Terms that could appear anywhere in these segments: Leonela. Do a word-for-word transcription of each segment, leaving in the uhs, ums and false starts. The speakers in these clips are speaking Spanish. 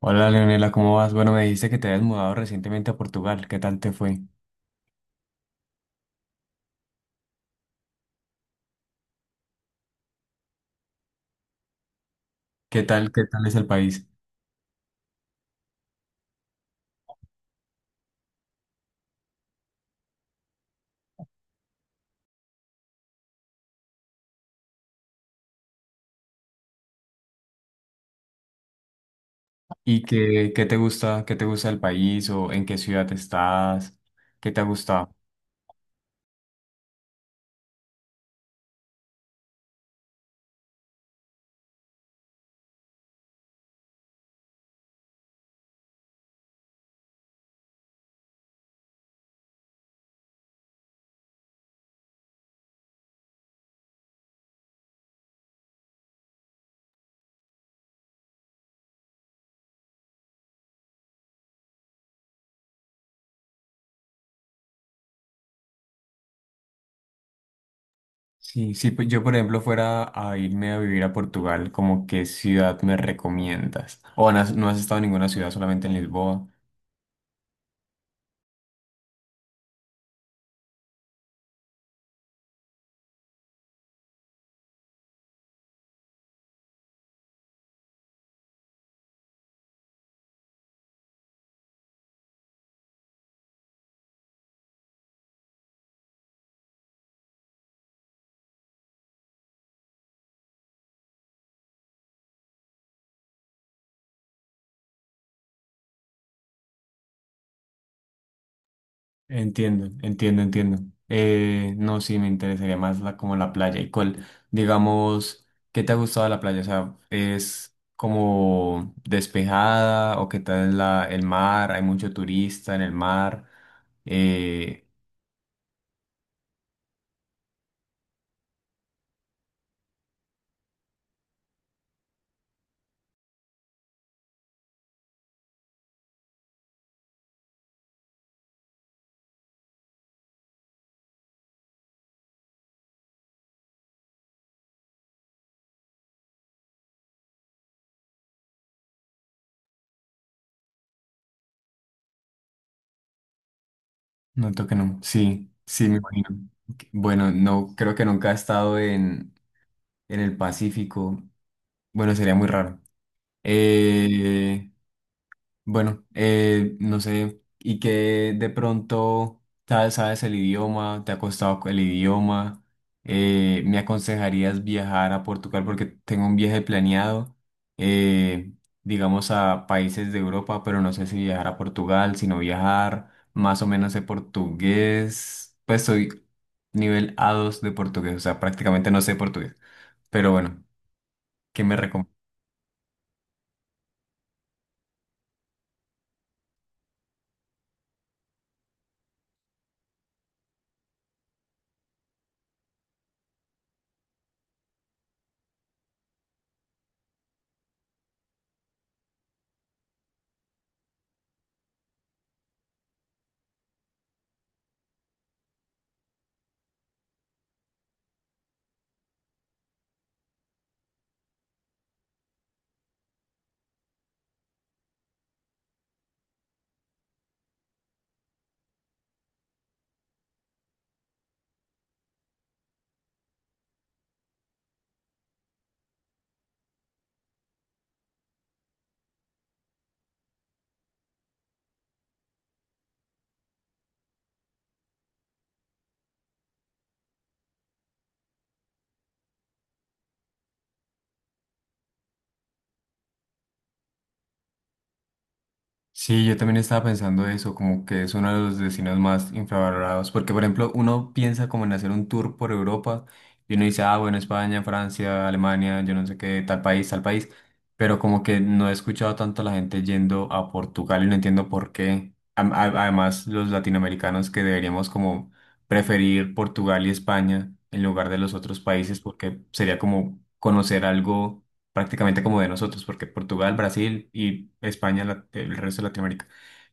Hola Leonela, ¿cómo vas? Bueno, me dijiste que te habías mudado recientemente a Portugal. ¿Qué tal te fue? ¿Qué tal, qué tal es el país? ¿Y qué, qué te gusta, qué te gusta del país o en qué ciudad estás? ¿Qué te ha gustado? Sí, sí, pues yo por ejemplo fuera a irme a vivir a Portugal, ¿como qué ciudad me recomiendas? O no has, no has estado en ninguna ciudad, solamente en Lisboa. Entiendo, entiendo, entiendo. Eh, no, sí, me interesaría más la, como la playa. ¿Y cuál, digamos, qué te ha gustado de la playa? O sea, ¿es como despejada o qué tal la, el mar? ¿Hay mucho turista en el mar? Eh, Noto que no. Sí, sí, me imagino. Ok, bueno, no, creo que nunca he estado en, en el Pacífico. Bueno, sería muy raro. Eh, Bueno, eh, no sé, y que de pronto sabes, sabes el idioma, te ha costado el idioma, eh, me aconsejarías viajar a Portugal porque tengo un viaje planeado, eh, digamos a países de Europa, pero no sé si viajar a Portugal, sino viajar, más o menos de portugués, pues soy nivel a dos de portugués, o sea, prácticamente no sé portugués, pero bueno, ¿qué me recomiendas? Sí, yo también estaba pensando eso, como que es uno de los destinos más infravalorados, porque por ejemplo uno piensa como en hacer un tour por Europa y uno dice, ah, bueno, España, Francia, Alemania, yo no sé qué, tal país, tal país, pero como que no he escuchado tanto a la gente yendo a Portugal y no entiendo por qué. Am- a- Además, los latinoamericanos que deberíamos como preferir Portugal y España en lugar de los otros países porque sería como conocer algo prácticamente como de nosotros, porque Portugal, Brasil y España, la- el resto de Latinoamérica.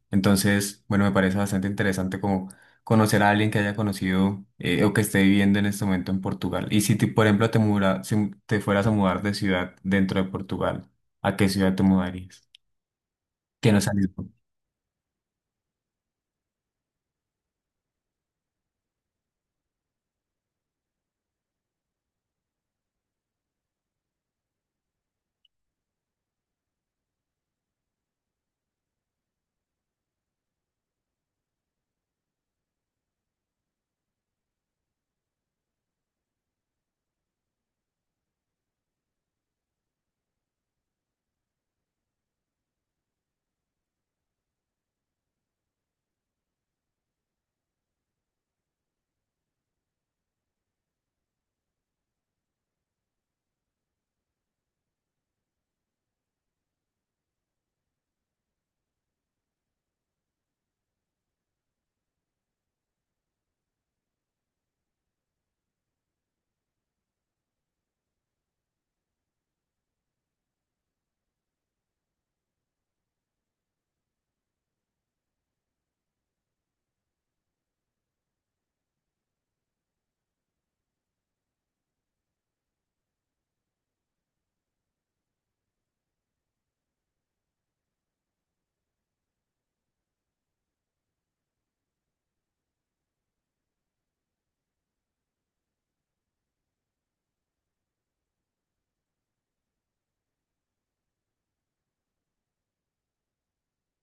Entonces, bueno, me parece bastante interesante como conocer a alguien que haya conocido eh, o que esté viviendo en este momento en Portugal. Y si, te- por ejemplo, te muda- si te fueras a mudar de ciudad dentro de Portugal, ¿a qué ciudad te mudarías? Que no salís.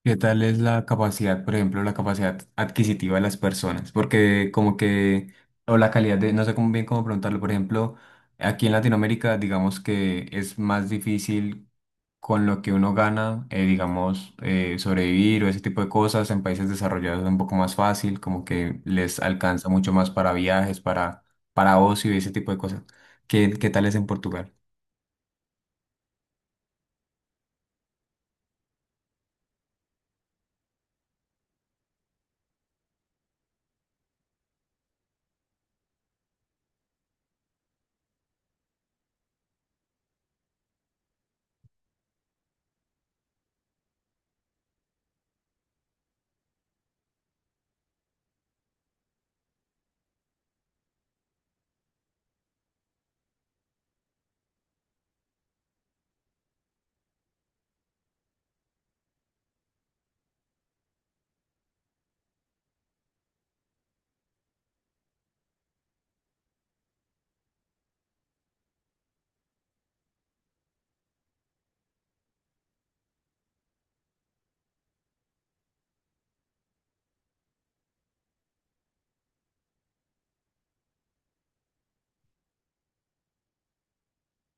¿Qué tal es la capacidad, por ejemplo, la capacidad adquisitiva de las personas? Porque como que, o la calidad de, no sé cómo bien cómo preguntarlo, por ejemplo, aquí en Latinoamérica, digamos que es más difícil con lo que uno gana, eh, digamos, eh, sobrevivir o ese tipo de cosas. En países desarrollados es un poco más fácil, como que les alcanza mucho más para viajes, para, para ocio y ese tipo de cosas. ¿Qué, qué tal es en Portugal?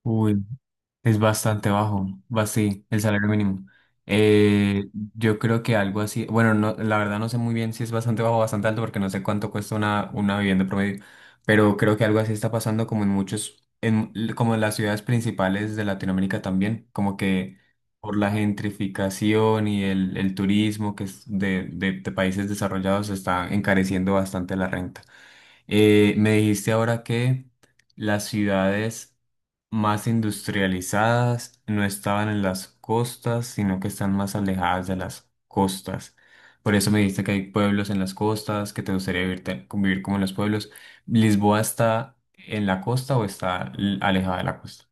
Uy. Es bastante bajo, va sí, el salario mínimo. Eh, yo creo que algo así, bueno, no, la verdad no sé muy bien si es bastante bajo o bastante alto porque no sé cuánto cuesta una, una vivienda promedio, pero creo que algo así está pasando como en muchos, en, l- como en las ciudades principales de Latinoamérica también, como que por la gentrificación y el, el turismo que es de, de de países desarrollados está encareciendo bastante la renta. Eh, me dijiste ahora que las ciudades más industrializadas no estaban en las costas, sino que están más alejadas de las costas. Por eso me dijiste que hay pueblos en las costas, que te gustaría vivir, ta- convivir como en los pueblos. ¿Lisboa está en la costa o está l- alejada de la costa?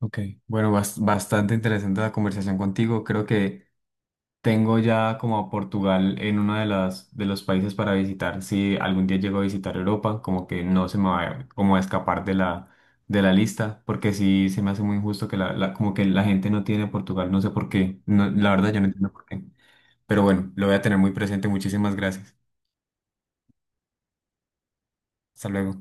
Ok, bueno, bas- bastante interesante la conversación contigo. Creo que tengo ya como a Portugal en uno de las de los países para visitar. Si algún día llego a visitar Europa, como que no se me va a- como a escapar de la de la lista, porque sí se me hace muy injusto que la, la- como que la gente no tiene Portugal, no sé por qué. No, la verdad yo no entiendo por qué. Pero bueno, lo voy a tener muy presente. Muchísimas gracias. Hasta luego.